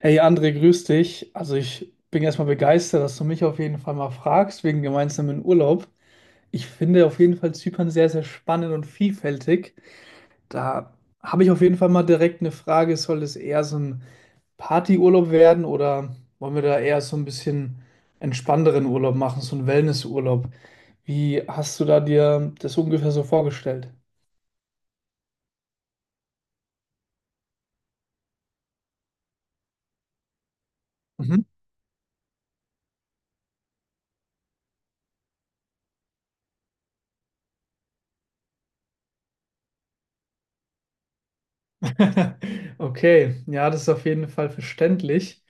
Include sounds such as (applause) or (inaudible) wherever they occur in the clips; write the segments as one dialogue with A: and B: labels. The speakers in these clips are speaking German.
A: Hey André, grüß dich. Also ich bin erstmal begeistert, dass du mich auf jeden Fall mal fragst wegen gemeinsamen Urlaub. Ich finde auf jeden Fall Zypern sehr, sehr spannend und vielfältig. Da habe ich auf jeden Fall mal direkt eine Frage, soll es eher so ein Partyurlaub werden oder wollen wir da eher so ein bisschen entspannteren Urlaub machen, so einen Wellnessurlaub? Wie hast du da dir das ungefähr so vorgestellt? Mhm. (laughs) Okay, ja, das ist auf jeden Fall verständlich.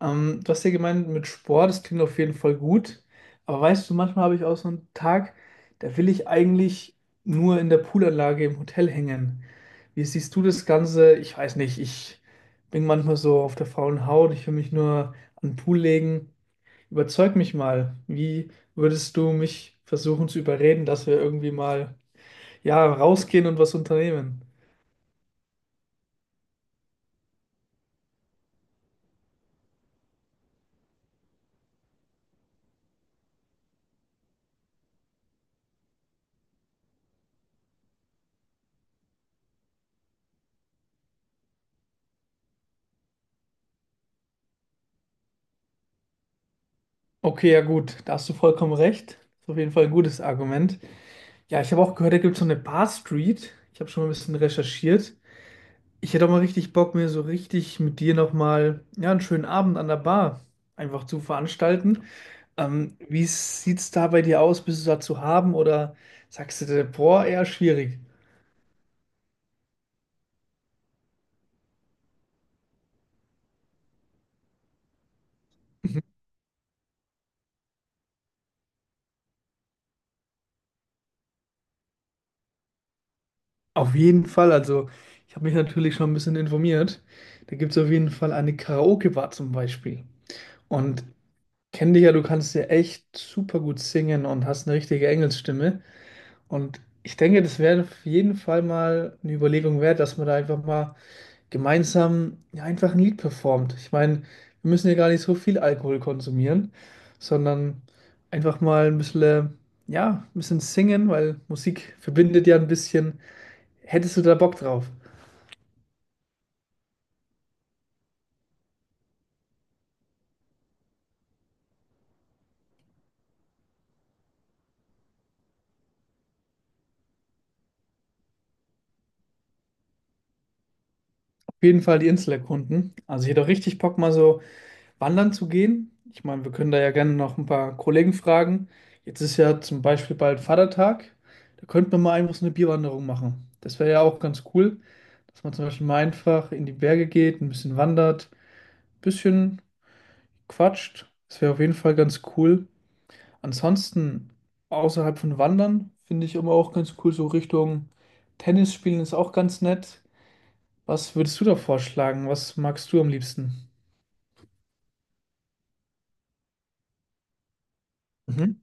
A: Du hast ja gemeint, mit Sport, das klingt auf jeden Fall gut. Aber weißt du, manchmal habe ich auch so einen Tag, da will ich eigentlich nur in der Poolanlage im Hotel hängen. Wie siehst du das Ganze? Ich weiß nicht, ich bin manchmal so auf der faulen Haut, ich will mich nur an den Pool legen. Überzeug mich mal. Wie würdest du mich versuchen zu überreden, dass wir irgendwie mal, ja, rausgehen und was unternehmen? Okay, ja gut, da hast du vollkommen recht. Ist auf jeden Fall ein gutes Argument. Ja, ich habe auch gehört, da gibt es so eine Bar Street. Ich habe schon mal ein bisschen recherchiert. Ich hätte auch mal richtig Bock, mir so richtig mit dir nochmal ja, einen schönen Abend an der Bar einfach zu veranstalten. Wie sieht's da bei dir aus? Bist du da zu haben oder sagst du dir, boah, eher schwierig? Auf jeden Fall. Also, ich habe mich natürlich schon ein bisschen informiert. Da gibt es auf jeden Fall eine Karaoke-Bar zum Beispiel. Und kenn dich ja, du kannst ja echt super gut singen und hast eine richtige Engelsstimme. Und ich denke, das wäre auf jeden Fall mal eine Überlegung wert, dass man da einfach mal gemeinsam ja, einfach ein Lied performt. Ich meine, wir müssen ja gar nicht so viel Alkohol konsumieren, sondern einfach mal ein bisschen, ja, ein bisschen singen, weil Musik verbindet ja ein bisschen. Hättest du da Bock drauf? Auf jeden Fall die Insel erkunden. Also ich hätte auch richtig Bock, mal so wandern zu gehen. Ich meine, wir können da ja gerne noch ein paar Kollegen fragen. Jetzt ist ja zum Beispiel bald Vatertag. Da könnten wir mal einfach so eine Bierwanderung machen. Das wäre ja auch ganz cool, dass man zum Beispiel mal einfach in die Berge geht, ein bisschen wandert, ein bisschen quatscht. Das wäre auf jeden Fall ganz cool. Ansonsten, außerhalb von Wandern, finde ich immer auch ganz cool, so Richtung Tennis spielen ist auch ganz nett. Was würdest du da vorschlagen? Was magst du am liebsten? Mhm.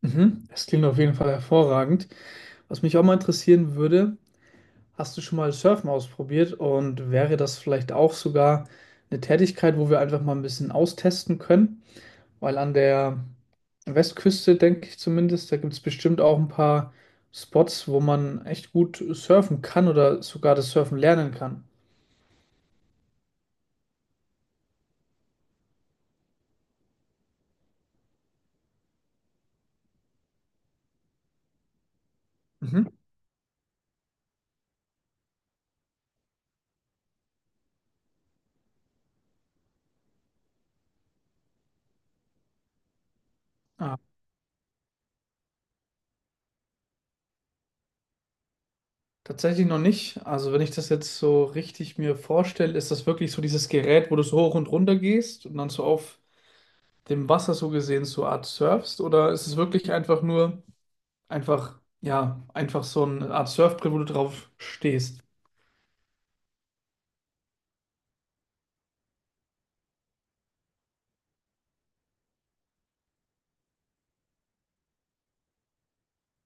A: Mhm. Das klingt auf jeden Fall hervorragend. Was mich auch mal interessieren würde, hast du schon mal Surfen ausprobiert und wäre das vielleicht auch sogar eine Tätigkeit, wo wir einfach mal ein bisschen austesten können? Weil an der Westküste, denke ich zumindest, da gibt es bestimmt auch ein paar Spots, wo man echt gut surfen kann oder sogar das Surfen lernen kann. Mhm. Ah, tatsächlich noch nicht. Also wenn ich das jetzt so richtig mir vorstelle, ist das wirklich so dieses Gerät, wo du so hoch und runter gehst und dann so auf dem Wasser so gesehen so Art surfst oder ist es wirklich einfach nur einfach, ja, einfach so eine Art Surfbrett, wo du drauf stehst?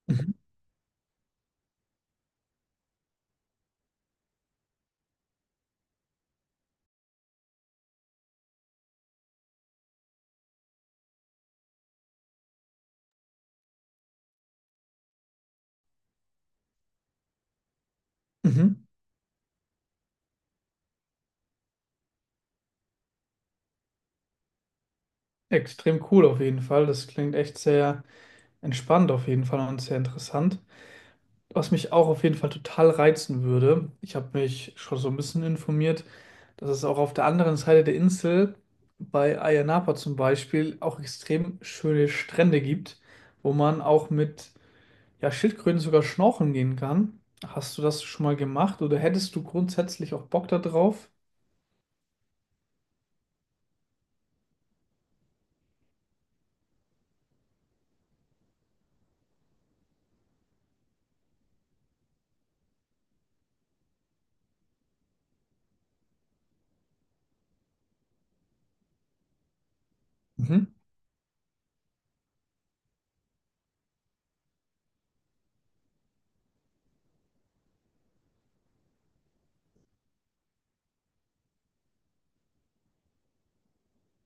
A: Mhm. Mhm. Extrem cool auf jeden Fall. Das klingt echt sehr entspannt auf jeden Fall und sehr interessant. Was mich auch auf jeden Fall total reizen würde, ich habe mich schon so ein bisschen informiert, dass es auch auf der anderen Seite der Insel bei Ayia Napa zum Beispiel auch extrem schöne Strände gibt, wo man auch mit ja, Schildkröten sogar schnorcheln gehen kann. Hast du das schon mal gemacht oder hättest du grundsätzlich auch Bock da drauf? Mhm.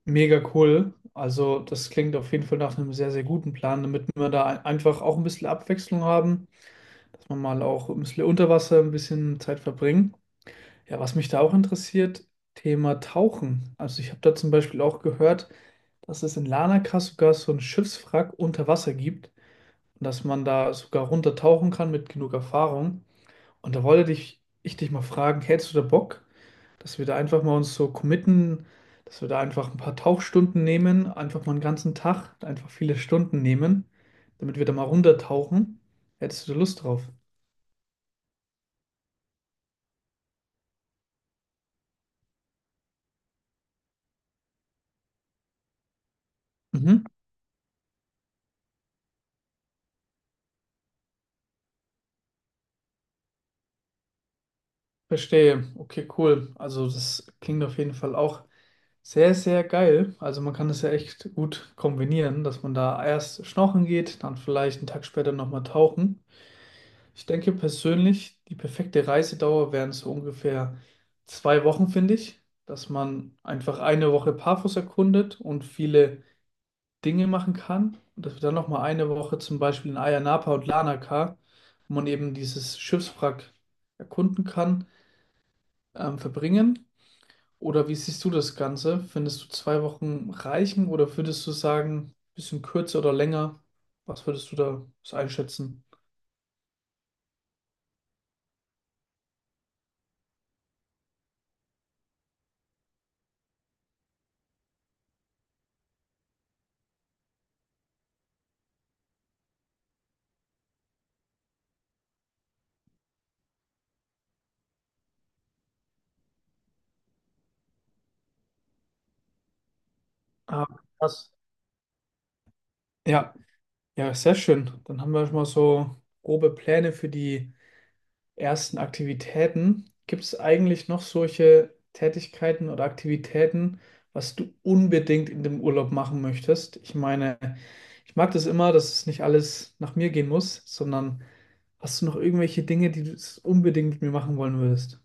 A: Mega cool. Also, das klingt auf jeden Fall nach einem sehr, sehr guten Plan, damit wir da einfach auch ein bisschen Abwechslung haben, dass wir mal auch ein bisschen unter Wasser ein bisschen Zeit verbringen. Ja, was mich da auch interessiert, Thema Tauchen. Also, ich habe da zum Beispiel auch gehört, dass es in Larnaca sogar so ein Schiffswrack unter Wasser gibt und dass man da sogar runtertauchen kann mit genug Erfahrung. Und da wollte ich dich mal fragen, hättest du da Bock, dass wir da einfach mal uns so committen, dass wir da einfach ein paar Tauchstunden nehmen, einfach mal einen ganzen Tag, einfach viele Stunden nehmen, damit wir da mal runtertauchen? Hättest du da Lust drauf? Mhm. Verstehe. Okay, cool. Also das klingt auf jeden Fall auch sehr, sehr geil. Also man kann das ja echt gut kombinieren, dass man da erst schnorcheln geht, dann vielleicht einen Tag später nochmal tauchen. Ich denke persönlich, die perfekte Reisedauer wären so ungefähr zwei Wochen, finde ich, dass man einfach eine Woche Paphos erkundet und viele Dinge machen kann. Und dass wir dann nochmal eine Woche zum Beispiel in Ayia Napa und Larnaca, wo man eben dieses Schiffswrack erkunden kann, verbringen. Oder wie siehst du das Ganze? Findest du zwei Wochen reichen oder würdest du sagen, bisschen kürzer oder länger? Was würdest du da so einschätzen? Ah, krass. Ja, Ja, sehr schön. Dann haben wir schon mal so grobe Pläne für die ersten Aktivitäten. Gibt es eigentlich noch solche Tätigkeiten oder Aktivitäten, was du unbedingt in dem Urlaub machen möchtest? Ich meine, ich mag das immer, dass es nicht alles nach mir gehen muss, sondern hast du noch irgendwelche Dinge, die du unbedingt mit mir machen wollen würdest?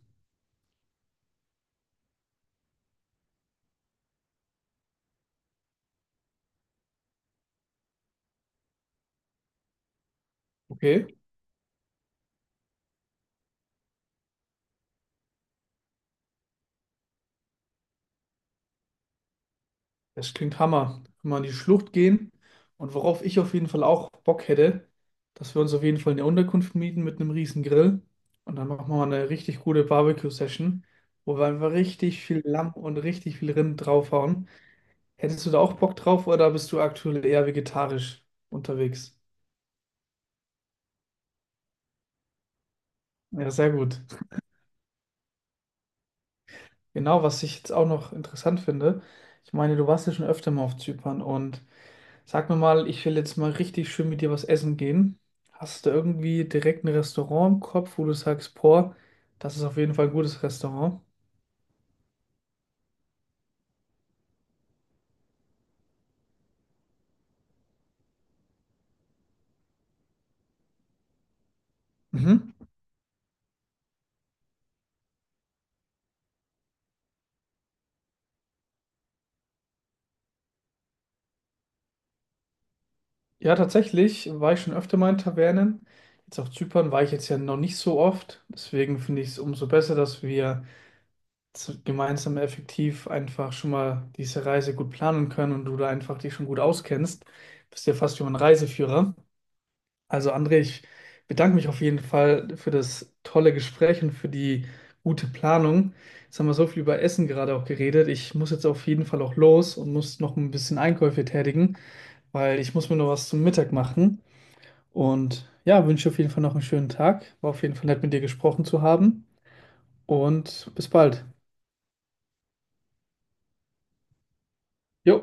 A: Okay. Das klingt Hammer. Wenn wir in die Schlucht gehen und worauf ich auf jeden Fall auch Bock hätte, dass wir uns auf jeden Fall eine Unterkunft mieten mit einem riesen Grill und dann machen wir mal eine richtig gute Barbecue-Session, wo wir einfach richtig viel Lamm und richtig viel Rind draufhauen. Hättest du da auch Bock drauf oder bist du aktuell eher vegetarisch unterwegs? Ja, sehr gut. Genau, was ich jetzt auch noch interessant finde, ich meine, du warst ja schon öfter mal auf Zypern und sag mir mal, ich will jetzt mal richtig schön mit dir was essen gehen. Hast du irgendwie direkt ein Restaurant im Kopf, wo du sagst, boah, das ist auf jeden Fall ein gutes Restaurant? Mhm. Ja, tatsächlich war ich schon öfter mal in Tavernen. Jetzt auf Zypern war ich jetzt ja noch nicht so oft. Deswegen finde ich es umso besser, dass wir gemeinsam effektiv einfach schon mal diese Reise gut planen können und du da einfach dich schon gut auskennst. Bist ja fast wie mein Reiseführer. Also André, ich bedanke mich auf jeden Fall für das tolle Gespräch und für die gute Planung. Jetzt haben wir so viel über Essen gerade auch geredet. Ich muss jetzt auf jeden Fall auch los und muss noch ein bisschen Einkäufe tätigen, weil ich muss mir noch was zum Mittag machen. Und ja, wünsche auf jeden Fall noch einen schönen Tag. War auf jeden Fall nett mit dir gesprochen zu haben und bis bald. Jo.